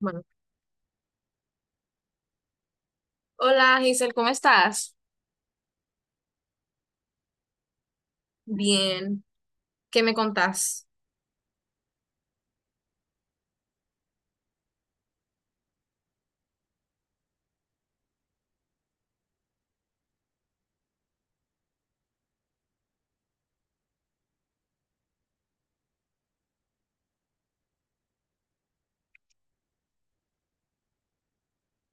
Bueno, hola Giselle, ¿cómo estás? Bien, ¿qué me contás?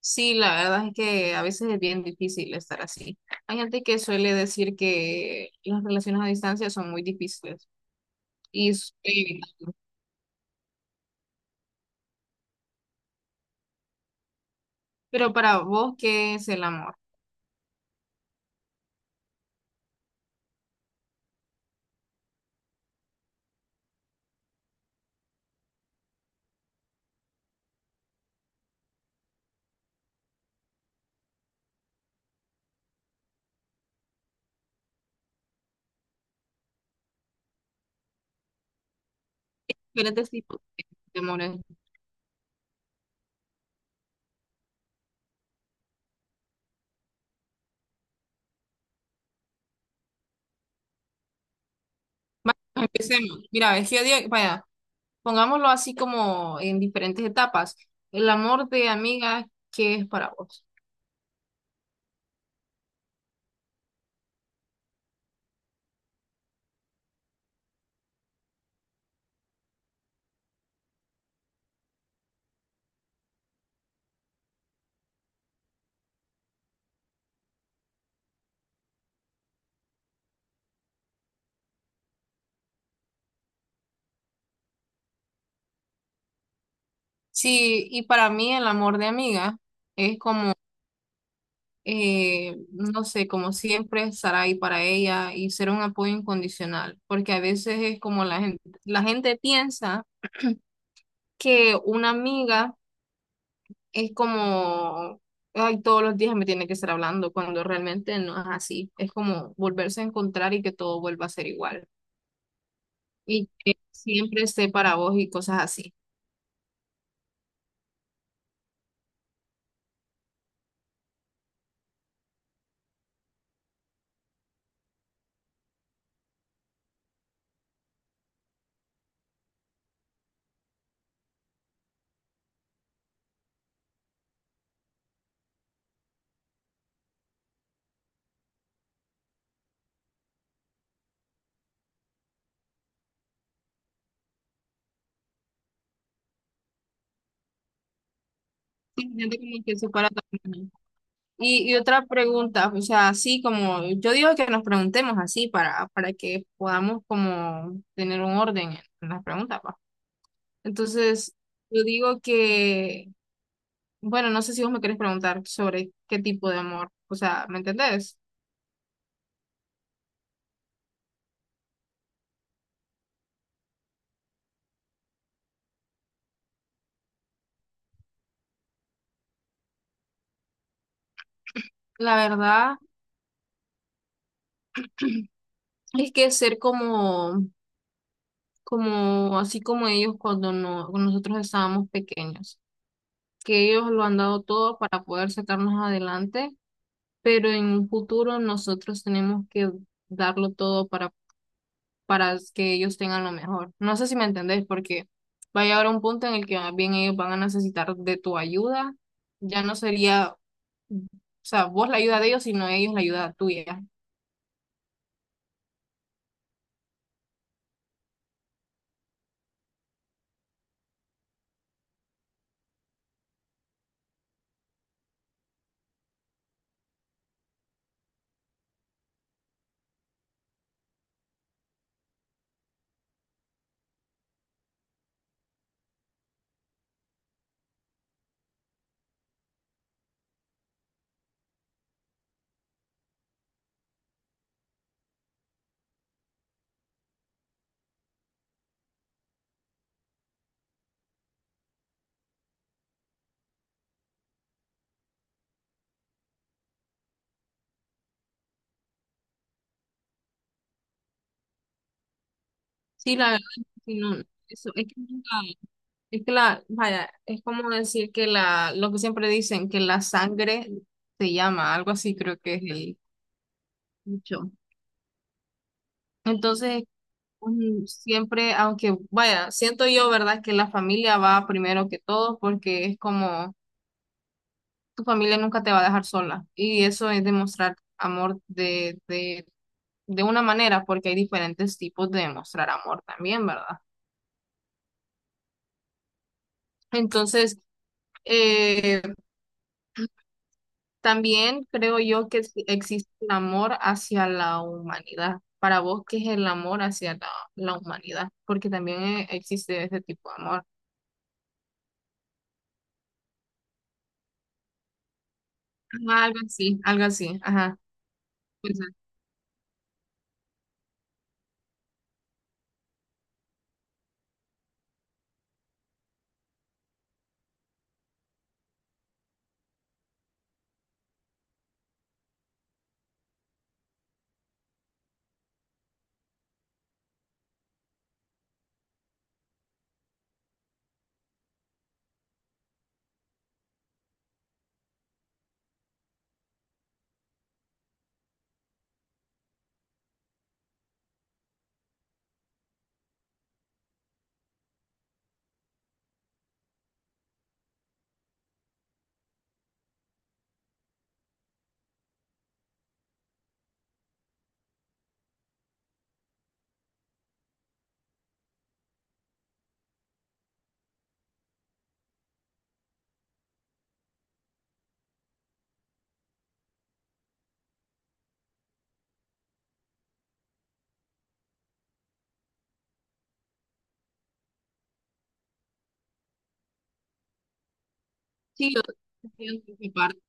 Sí, la verdad es que a veces es bien difícil estar así. Hay gente que suele decir que las relaciones a distancia son muy difíciles. Y, s- eh, pero para vos, ¿qué es el amor? ¿Qué es tipo de amor? Vamos, empecemos. Mira, es que vaya, pongámoslo así como en diferentes etapas. El amor de amiga, ¿qué es para vos? Sí, y para mí el amor de amiga es como no sé, como siempre, estar ahí para ella y ser un apoyo incondicional, porque a veces es como la gente piensa que una amiga es como, ay, todos los días me tiene que estar hablando, cuando realmente no es así. Es como volverse a encontrar y que todo vuelva a ser igual, y que siempre esté para vos y cosas así. Sí, gente como que se para también. Y otra pregunta, o sea, así como yo digo que nos preguntemos así para que podamos como tener un orden en las preguntas, pa. Entonces, yo digo que, bueno, no sé si vos me querés preguntar sobre qué tipo de amor, o sea, ¿me entendés? La verdad es que ser como, como, así como ellos cuando no, cuando nosotros estábamos pequeños, que ellos lo han dado todo para poder sacarnos adelante, pero en un futuro nosotros tenemos que darlo todo para que ellos tengan lo mejor. No sé si me entendés, porque va a llegar un punto en el que más bien ellos van a necesitar de tu ayuda. Ya no sería, o sea, vos la ayuda de ellos, sino ellos la ayuda tuya. Sí, la verdad, sí, no, eso, es que nunca, es que la, vaya, es como decir que la, lo que siempre dicen, que la sangre se llama, algo así creo que es el dicho. Entonces, siempre, aunque vaya, siento yo, ¿verdad? Que la familia va primero que todo, porque es como tu familia nunca te va a dejar sola y eso es demostrar amor de una manera, porque hay diferentes tipos de demostrar amor también, ¿verdad? Entonces, eh, también creo yo que sí existe el amor hacia la humanidad. Para vos, ¿qué es el amor hacia la humanidad? Porque también existe ese tipo de amor. Ajá, algo así, algo así, ajá. Sí, yo también por parte.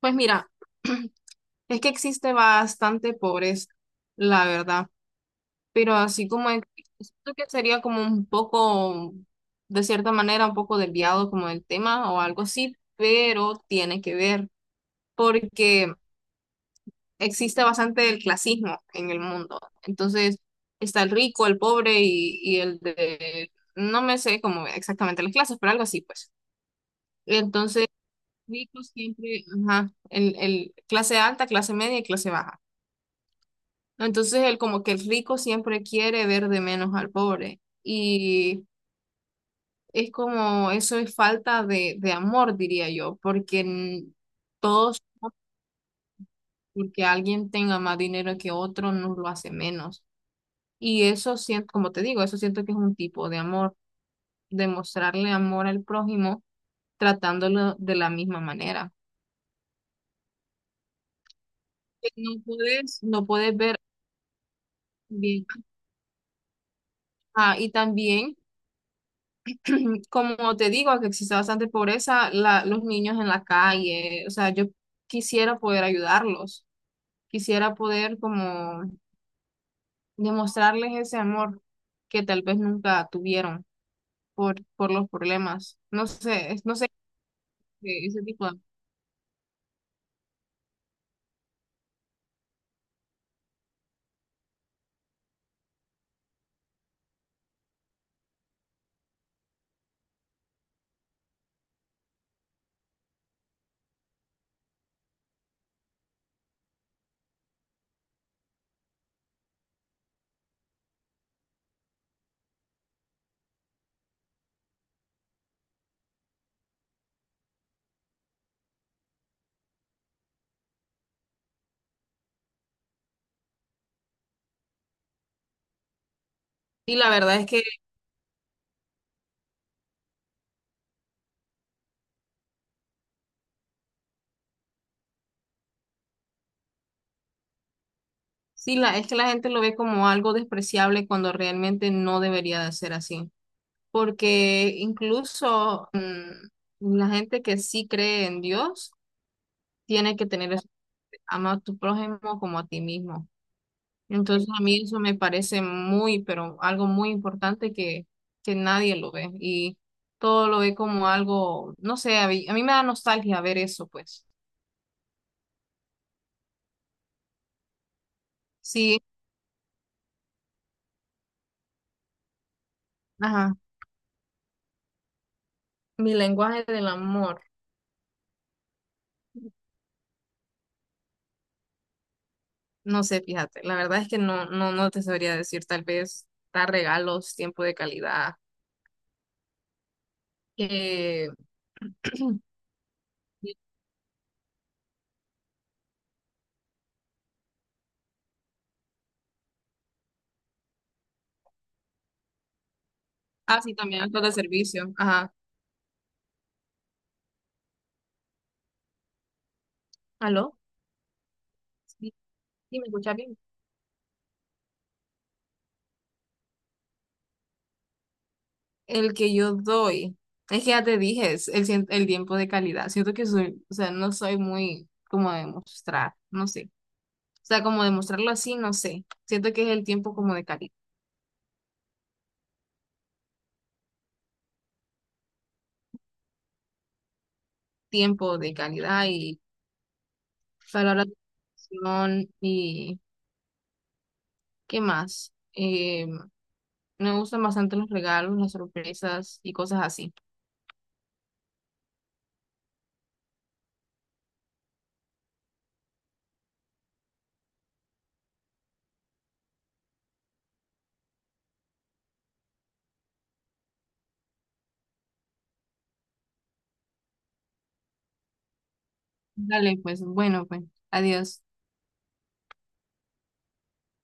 Pues mira, es que existe bastante pobreza, la verdad, pero así como siento que sería como un poco, de cierta manera, un poco desviado como el tema o algo así, pero tiene que ver, porque existe bastante el clasismo en el mundo. Entonces, está el rico, el pobre y el de, no me sé como exactamente las clases, pero algo así, pues. Entonces ricos siempre, ajá, el clase alta, clase media y clase baja. ¿No? Entonces, el como que el rico siempre quiere ver de menos al pobre. Y es como, eso es falta de amor, diría yo, porque todos, porque alguien tenga más dinero que otro, nos lo hace menos. Y eso siento, como te digo, eso siento que es un tipo de amor, demostrarle amor al prójimo tratándolo de la misma manera. No puedes ver bien. Ah, y también como te digo, que existe bastante pobreza, los niños en la calle, o sea, yo quisiera poder ayudarlos, quisiera poder como demostrarles ese amor que tal vez nunca tuvieron por los problemas. No sé, no sé, ese tipo de... Sí, la verdad es que sí, la, es que la gente lo ve como algo despreciable cuando realmente no debería de ser así, porque incluso la gente que sí cree en Dios tiene que tener: ama a tu prójimo como a ti mismo. Entonces a mí eso me parece muy, pero algo muy importante que nadie lo ve y todo lo ve como algo, no sé, a mí me da nostalgia ver eso, pues. Sí, ajá, mi lenguaje del amor, no sé, fíjate, la verdad es que no, no, no te sabría decir, tal vez dar regalos, tiempo de calidad, que, ah, sí, también actos de servicio, ajá, ¿aló? Sí, sí, ¿me escuchas bien? El que yo doy, es que ya te dije, es el, el tiempo de calidad. Siento que soy, o sea, no soy muy como de mostrar, no sé. O sea, como demostrarlo así, no sé. Siento que es el tiempo como de calidad, tiempo de calidad y palabras de afirmación y ¿qué más? Me gustan bastante los regalos, las sorpresas y cosas así. Dale, pues, bueno, pues, adiós.